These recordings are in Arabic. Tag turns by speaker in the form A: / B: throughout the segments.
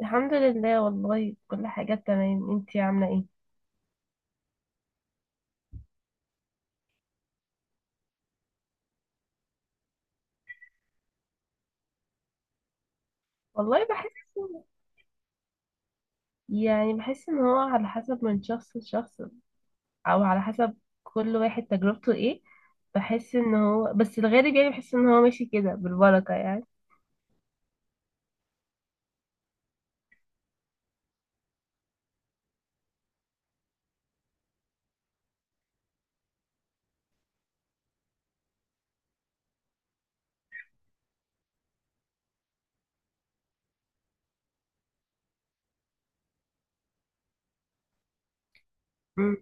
A: الحمد لله، والله كل حاجة تمام. انتي عاملة ايه؟ والله بحس. يعني بحس ان هو على حسب من شخص لشخص، او على حسب كل واحد تجربته ايه. بحس ان هو بس الغالب، يعني بحس ان هو ماشي كده بالبركة يعني. مم.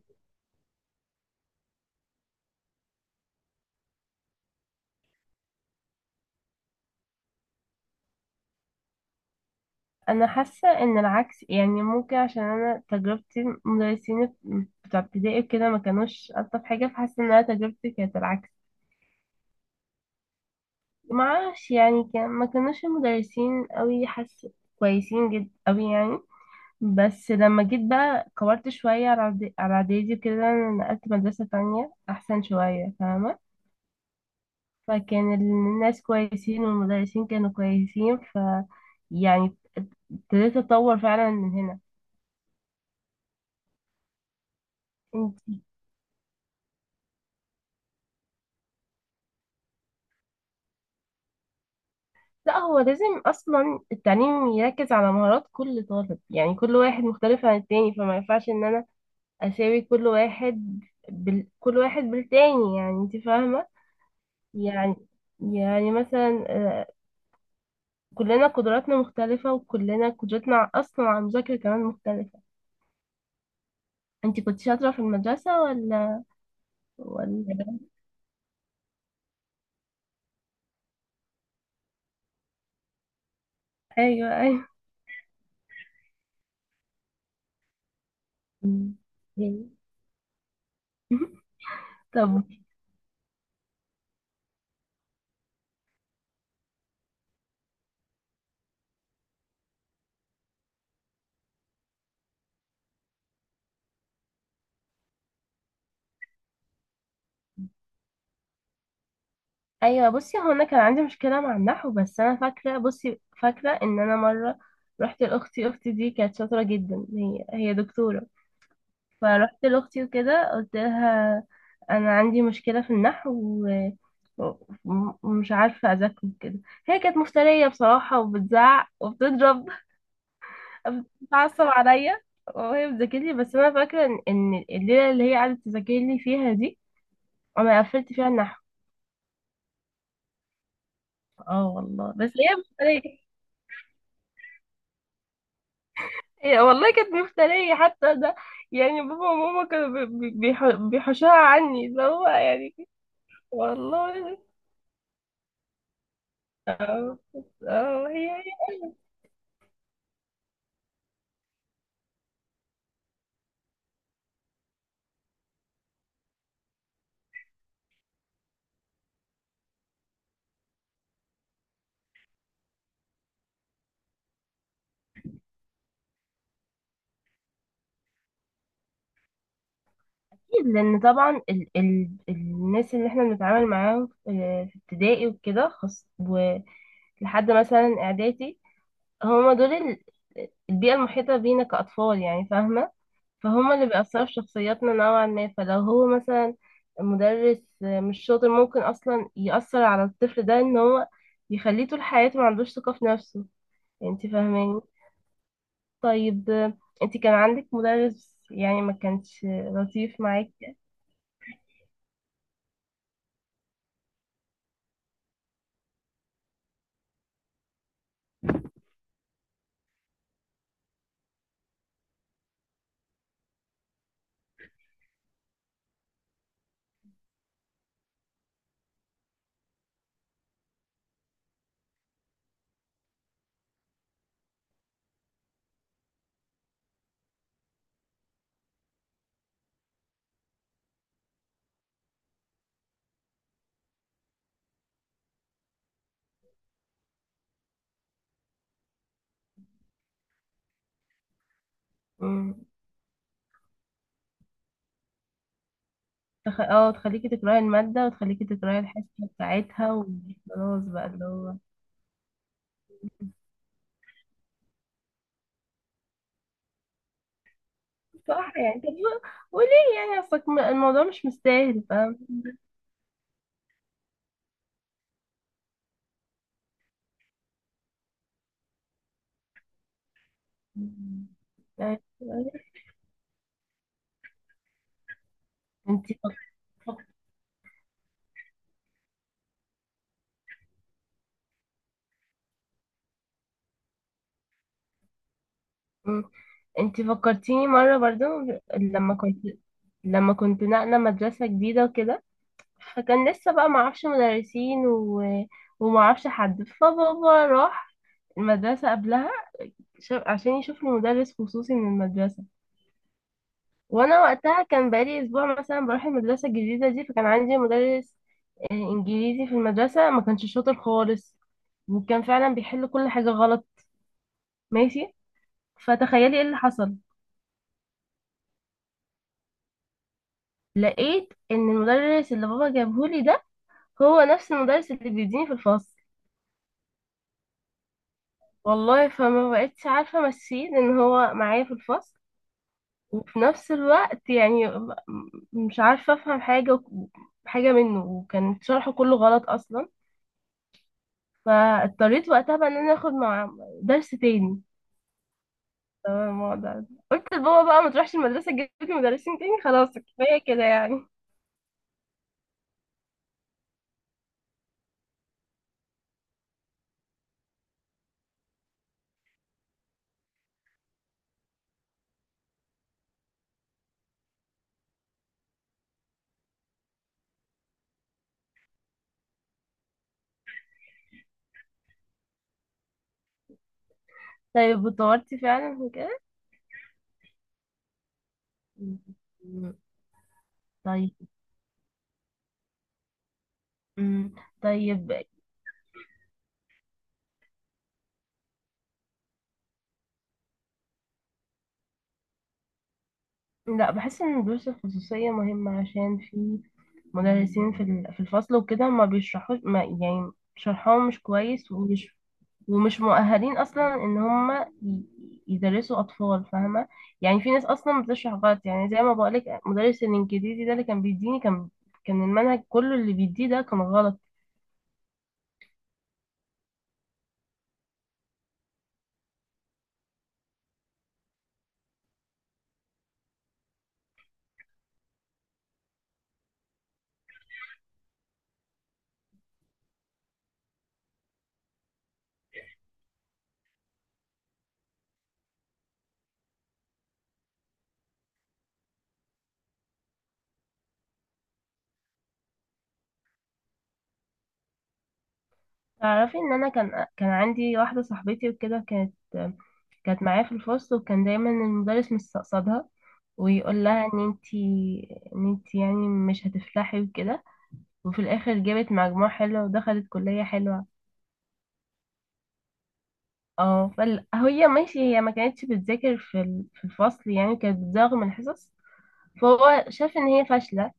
A: انا حاسة ان العكس، يعني ممكن عشان انا تجربتي مدرسين بتوع ابتدائي كده ما كانوش الطف حاجة، فحاسة ان انا تجربتي كانت العكس. معرفش، يعني كان ما كانوش المدرسين قوي، حاسة كويسين جدا قوي يعني. بس لما جيت بقى كبرت شوية على على إعدادي وكده، نقلت مدرسة تانية أحسن شوية، فاهمة. فكان الناس كويسين والمدرسين كانوا كويسين، ف يعني ابتديت أتطور فعلا من هنا. انتي؟ لا، هو لازم أصلا التعليم يركز على مهارات كل طالب، يعني كل واحد مختلف عن التاني، فما ينفعش إن أنا أساوي كل واحد كل واحد بالتاني، يعني أنت فاهمة. يعني مثلا، كلنا قدراتنا مختلفة وكلنا قدرتنا أصلا على المذاكرة كمان مختلفة. أنت كنت شاطرة في المدرسة ولا؟ ولا؟ أيوه، أيوه. مم. مم. طب، أيوه، بصي، هو أنا كان عندي مشكلة مع النحو. بس أنا فاكرة، بصي فاكرة إن أنا مرة رحت لأختي، أختي دي كانت شاطرة جدا، هي دكتورة. فرحت لأختي وكده قلت لها: أنا عندي مشكلة في النحو، ومش عارفة أذاكره كده. هي كانت مفترية بصراحة، وبتزعق وبتضرب، بتعصب عليا وهي بتذاكر لي. بس انا فاكره ان الليله اللي هي قعدت تذاكر لي فيها دي انا قفلت فيها النحو. اه والله، بس هي مفترية. هي والله كانت مفترية حتى ده، يعني بابا وماما كانوا بيحوشوها عني، اللي هو يعني والله. اه، اه، هي. أكيد، لأن طبعا ال ال الناس اللي احنا بنتعامل معاهم في ابتدائي وكده خاص، ولحد مثلا إعدادي، هما دول البيئة المحيطة بينا كأطفال، يعني فاهمة. فهما اللي بيأثروا في شخصياتنا نوعا ما. فلو هو مثلا مدرس مش شاطر، ممكن أصلا يأثر على الطفل ده إن هو يخليه طول حياته ما عندوش ثقة في نفسه، انت فاهماني. طيب، انت كان عندك مدرس يعني ما كانش لطيف معاك؟ أمم، اه، تخليكي تكرهي المادة، وتخليكي تكرهي الحصة بتاعتها وخلاص بقى، اللي هو صح يعني. طب وليه؟ يعني اصلك الموضوع مش مستاهل، فاهم. يعني انت فك- مم. انت فكرتيني مرة برضو، لما كنت لما كنت نقلة مدرسة جديدة وكده، فكان لسه بقى معرفش مدرسين ومعرفش حد، فبابا راح المدرسة قبلها عشان يشوف له مدرس خصوصي من المدرسة. وانا وقتها كان بقالي اسبوع مثلا بروح المدرسه الجديده دي، فكان عندي مدرس انجليزي في المدرسه، ما كانش شاطر خالص، وكان فعلا بيحل كل حاجه غلط، ماشي. فتخيلي ايه اللي حصل. لقيت ان المدرس اللي بابا جابهولي ده هو نفس المدرس اللي بيديني في الفصل. والله، فما بقتش عارفه امشيه ان هو معايا في الفصل وفي نفس الوقت، يعني مش عارفه افهم حاجه حاجه منه، وكان شرحه كله غلط اصلا. فاضطريت وقتها بقى ان انا اخد مع درس تاني. تمام، الموضوع ده قلت لبابا بقى ما تروحش المدرسة تجيب لي مدرسين تاني، خلاص كفاية كده يعني. طيب، اتطورتي فعلا وكده؟ طيب. أمم، طيب. لا، بحس ان الدروس الخصوصية مهمة، عشان في مدرسين في في الفصل وكده ما بيشرحوش، ما يعني شرحهم مش كويس، ومش مؤهلين اصلا ان هم ي- يدرسوا اطفال، فاهمه. يعني في ناس اصلا بتشرح غلط، يعني زي ما بقولك، مدرس الانجليزي ده اللي كان بيديني، كان المنهج كله اللي بيديه ده كان غلط. تعرفي ان انا كان عندي واحده صاحبتي وكده، كانت معايا في الفصل، وكان دايما المدرس مستقصدها ويقول لها ان انتي يعني مش هتفلحي وكده، وفي الاخر جابت مجموع حلو ودخلت كليه حلوه. اه، هي ماشي، هي ما كانتش بتذاكر في في الفصل، يعني كانت بتزاغ من الحصص، فهو شاف ان هي فاشلة.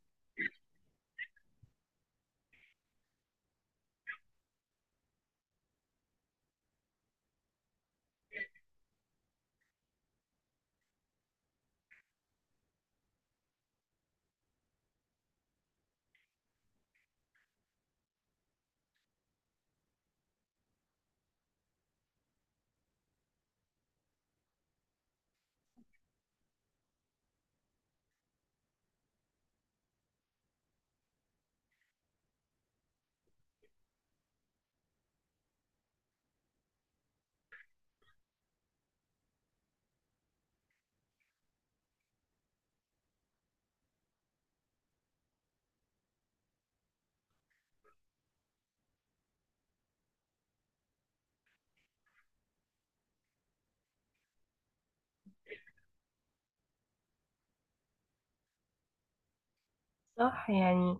A: صح يعني.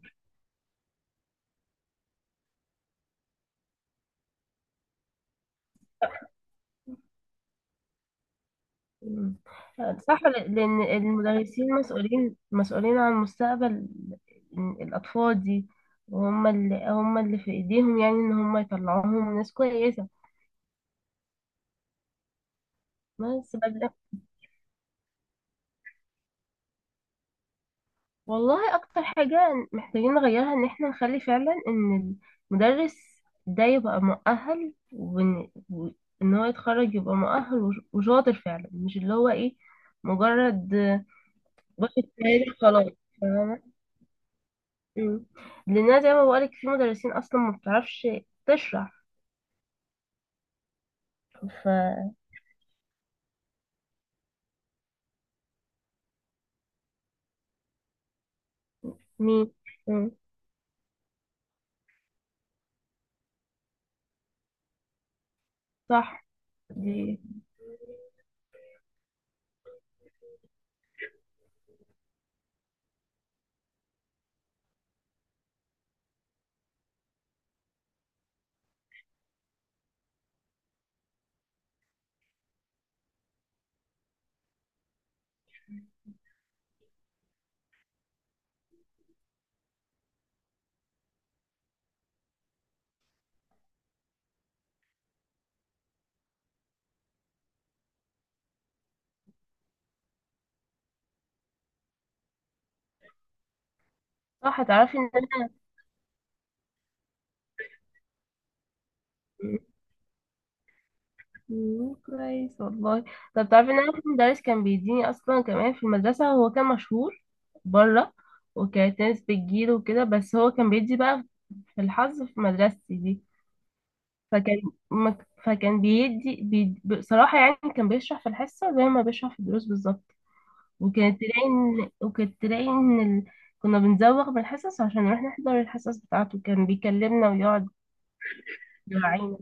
A: مم. صح، لان المدرسين مسؤولين عن مستقبل الاطفال دي، وهم اللي هم اللي في ايديهم، يعني ان هم يطلعوهم ناس كويسة. بس والله اكتر حاجة محتاجين نغيرها ان احنا نخلي فعلا ان المدرس ده يبقى مؤهل، وإن هو يتخرج يبقى مؤهل، وشاطر فعلا، مش اللي هو ايه، مجرد واخد شهادة خلاص، فاهمة. أمم. لان زي ما بقولك في مدرسين اصلا ما بتعرفش تشرح. ف، مين؟ أمم. صح. دي صح، تعرفي ان انا مم، كويس والله. طب تعرفي ان انا في مدرس كان بيديني اصلا كمان في المدرسه، هو كان مشهور بره، وكانت ناس بتجيله وكده، بس هو كان بيدي بقى في الحظ في مدرستي دي. فكان فكان بيدي بصراحه يعني كان بيشرح في الحصه زي ما بيشرح في الدروس بالظبط. وكانت تلاقي ان كنا بنزوغ من الحصص عشان نروح نحضر الحصص بتاعته، كان بيكلمنا ويقعد يراعينا.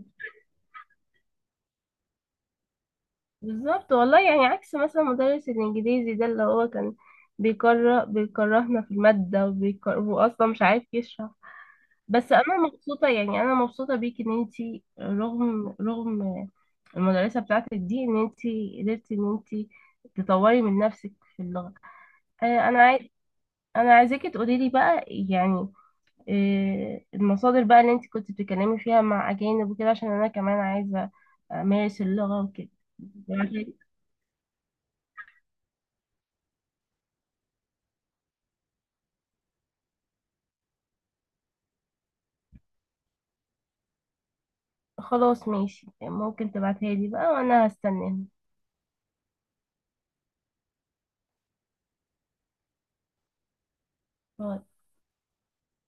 A: بالظبط والله، يعني عكس مثلا مدرس الانجليزي ده اللي هو كان بيكرهنا في المادة، وبيكره، واصلا مش عارف يشرح. بس انا مبسوطة بيك، ان انتي رغم المدرسة بتاعتك دي ان انتي قدرتي ان انتي تطوري من نفسك في اللغة. آه، انا عايز انا عايزاكي تقولي لي بقى يعني، المصادر بقى اللي انتي كنت بتتكلمي فيها مع اجانب وكده، عشان انا كمان عايزة امارس اللغة وكده. خلاص، ماشي، ممكن تبعتها لي بقى وانا هستناها.